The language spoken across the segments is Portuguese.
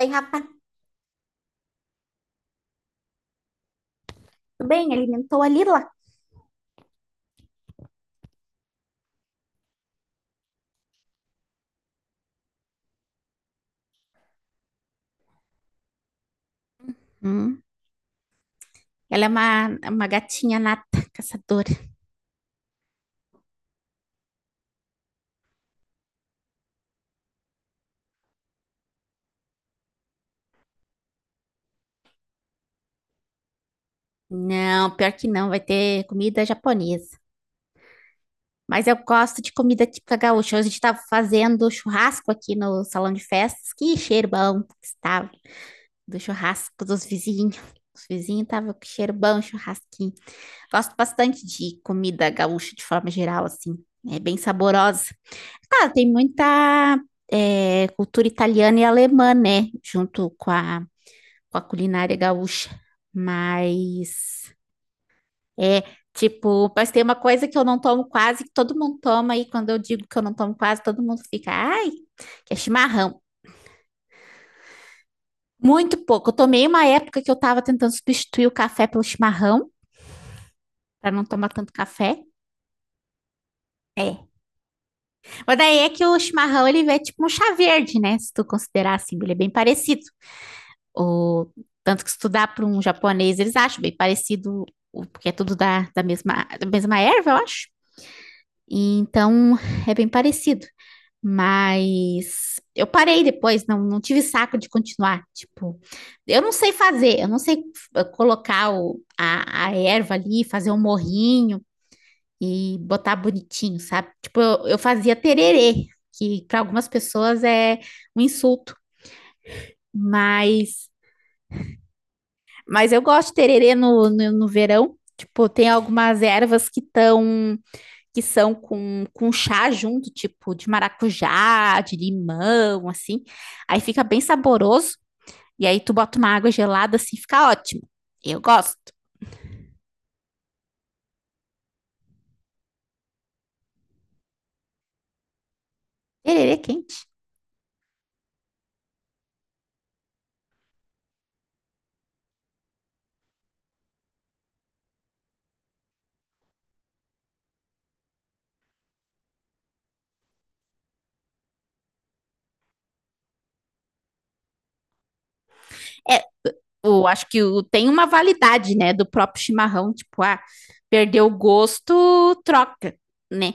Ei, rapaz, tudo bem? Alimentou a Lila? Hum, ela é uma gatinha nata, caçadora. Não, pior que não, vai ter comida japonesa. Mas eu gosto de comida típica gaúcha. Hoje a gente estava fazendo churrasco aqui no salão de festas. Que cheiro bom que estava do churrasco dos vizinhos. Os vizinhos estavam com cheiro bom, churrasquinho. Gosto bastante de comida gaúcha de forma geral, assim. É bem saborosa. Cara, tem muita cultura italiana e alemã, né? Junto com com a culinária gaúcha. Mas é tipo, mas tem uma coisa que eu não tomo quase, que todo mundo toma, e quando eu digo que eu não tomo quase, todo mundo fica, ai, que é chimarrão. Muito pouco. Eu tomei uma época que eu tava tentando substituir o café pelo chimarrão, para não tomar tanto café. É. Mas daí é que o chimarrão, ele é tipo um chá verde, né? Se tu considerar assim, ele é bem parecido. O... Tanto que se tu dá para um japonês, eles acham bem parecido, porque é tudo da mesma erva, eu acho. E então, é bem parecido. Mas eu parei depois, não, não tive saco de continuar. Tipo, eu não sei fazer, eu não sei colocar a erva ali, fazer um morrinho e botar bonitinho, sabe? Tipo, eu fazia tererê, que para algumas pessoas é um insulto, mas, mas eu gosto de tererê no verão. Tipo, tem algumas ervas que tão, que são com chá junto, tipo de maracujá, de limão, assim. Aí fica bem saboroso. E aí tu bota uma água gelada, assim, fica ótimo. Eu gosto. Tererê quente. Acho que tem uma validade, né, do próprio chimarrão, tipo, ah, perdeu o gosto, troca, né?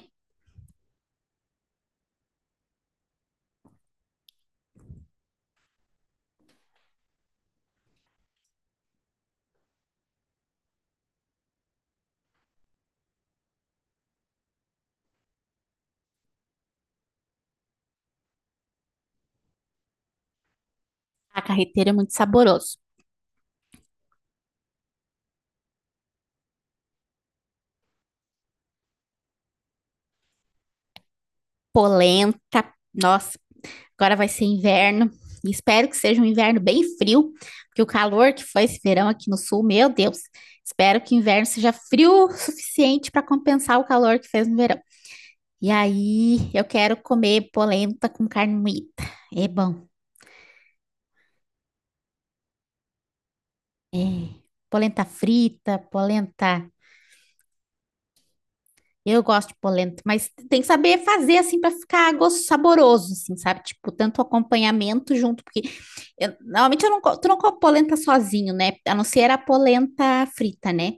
A carreteira é muito saboroso. Polenta, nossa, agora vai ser inverno. E Espero que seja um inverno bem frio, porque o calor que foi esse verão aqui no sul, meu Deus. Espero que o inverno seja frio o suficiente para compensar o calor que fez no verão. E aí, eu quero comer polenta com carne moída. É bom. Polenta frita, polenta. Eu gosto de polenta, mas tem que saber fazer assim para ficar gosto saboroso, assim, sabe? Tipo, tanto acompanhamento junto, porque normalmente eu não, tu não come polenta sozinho, né? A não ser a polenta frita, né?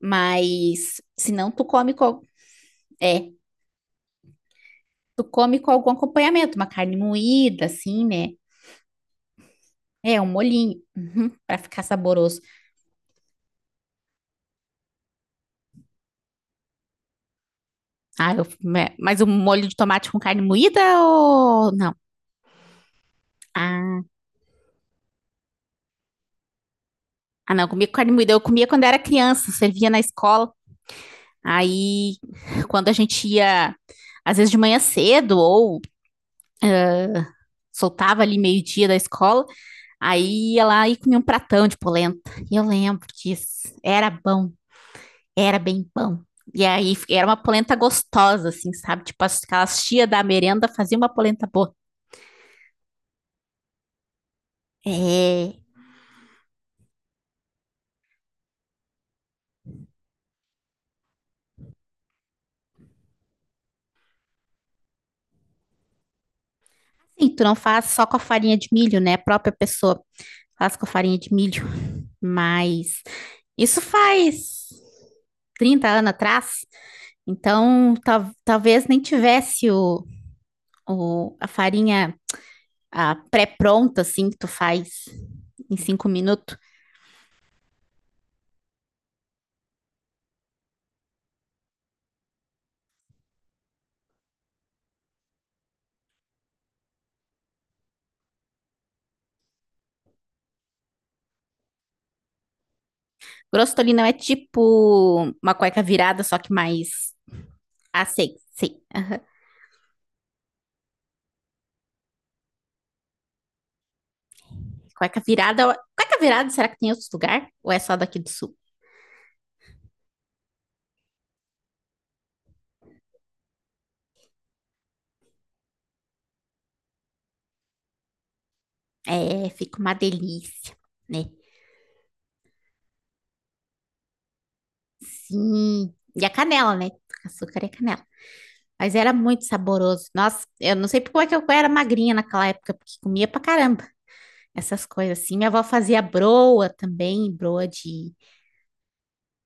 Mas se não, tu come com, é, tu come com algum acompanhamento, uma carne moída, assim, né? É, um molhinho, uhum, para ficar saboroso. Ah, eu, mas um molho de tomate com carne moída ou não? Ah, ah, não, eu comia com carne moída. Eu comia quando era criança, servia na escola. Aí, quando a gente ia, às vezes de manhã cedo, ou soltava ali meio-dia da escola, aí ia lá e comia um pratão de polenta. E eu lembro disso. Era bom, era bem bom. E aí era uma polenta gostosa, assim, sabe? Tipo, aquelas tia da merenda faziam uma polenta boa. É. Sim, tu não faz só com a farinha de milho, né? A própria pessoa faz com a farinha de milho. Mas isso faz 30 anos atrás. Então, talvez nem tivesse a farinha a pré-pronta, assim, que tu faz em 5 minutos. Grosstolino é tipo uma cueca virada, só que mais... Ah, sei, sei. Cueca virada... Cueca virada, será que tem outro lugar? Ou é só daqui do sul? É, fica uma delícia, né? Sim. E a canela, né? Açúcar e canela. Mas era muito saboroso. Nossa, eu não sei como é que eu era magrinha naquela época, porque comia pra caramba. Essas coisas assim. Minha avó fazia broa também, broa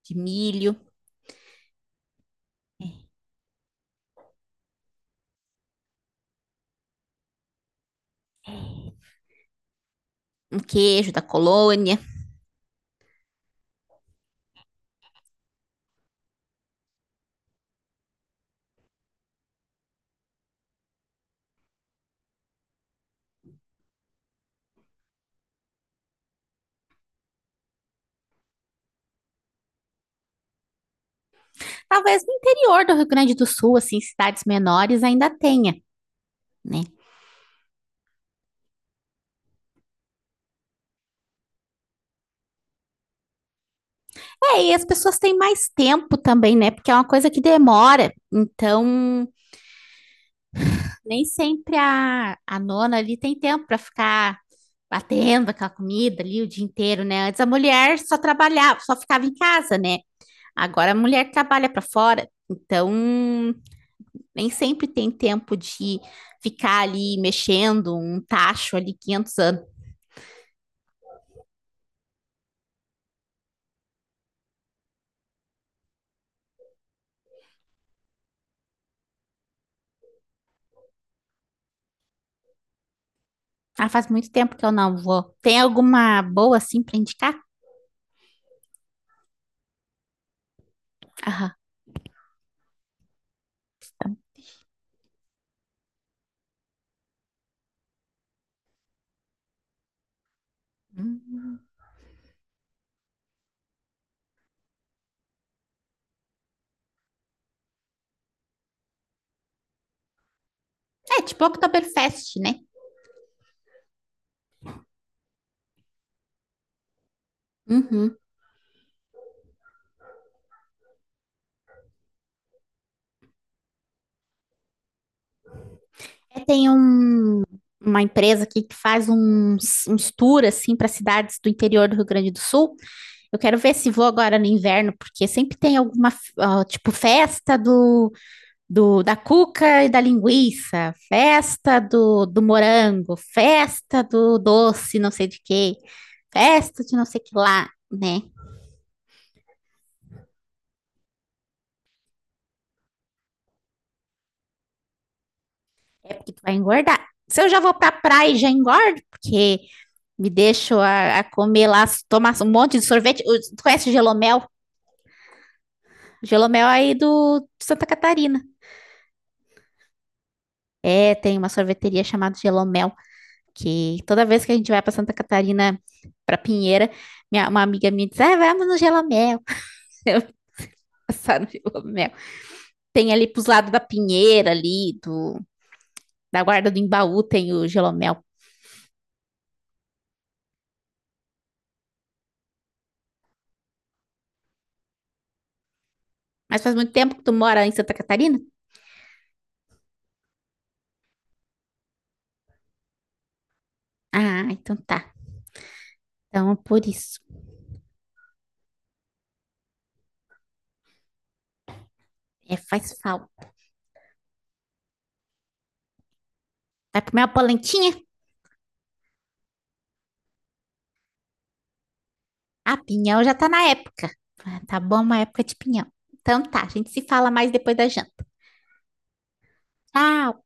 de milho, um queijo da colônia. Talvez no interior do Rio Grande do Sul, assim, cidades menores ainda tenha, né? É, e as pessoas têm mais tempo também, né? Porque é uma coisa que demora. Então, nem sempre a nona ali tem tempo para ficar batendo aquela comida ali o dia inteiro, né? Antes a mulher só trabalhava, só ficava em casa, né? Agora a mulher trabalha para fora. Então, nem sempre tem tempo de ficar ali mexendo um tacho ali 500 anos. Ah, faz muito tempo que eu não vou. Tem alguma boa assim pra indicar? Aham. Hum. É, tipo Oktoberfest, né? Uhum. É, tem um, uma empresa aqui que faz uns, uns tours assim, para cidades do interior do Rio Grande do Sul. Eu quero ver se vou agora no inverno, porque sempre tem alguma, ah, tipo, festa do, da cuca e da linguiça, festa do morango, festa do doce, não sei de quê, festa de não sei que lá, né? É porque tu vai engordar. Se eu já vou pra praia e já engordo, porque me deixo a comer lá, tomar um monte de sorvete. Tu conhece gelomel? Gelomel é aí do de Santa Catarina. É, tem uma sorveteria chamada Gelomel, que toda vez que a gente vai para Santa Catarina, para Pinheira, minha, uma amiga me diz, ah, vamos no Gelomel. Eu, passar no Gelomel. Tem ali pros lados da Pinheira ali, do, da Guarda do Embaú tem o Gelomel. Mas faz muito tempo que tu mora em Santa Catarina? Ah, então tá. Então é por isso. É, faz falta. Vai comer uma polentinha? Ah, pinhão já tá na época. Ah, tá bom, uma época de pinhão. Então tá, a gente se fala mais depois da janta. Tchau!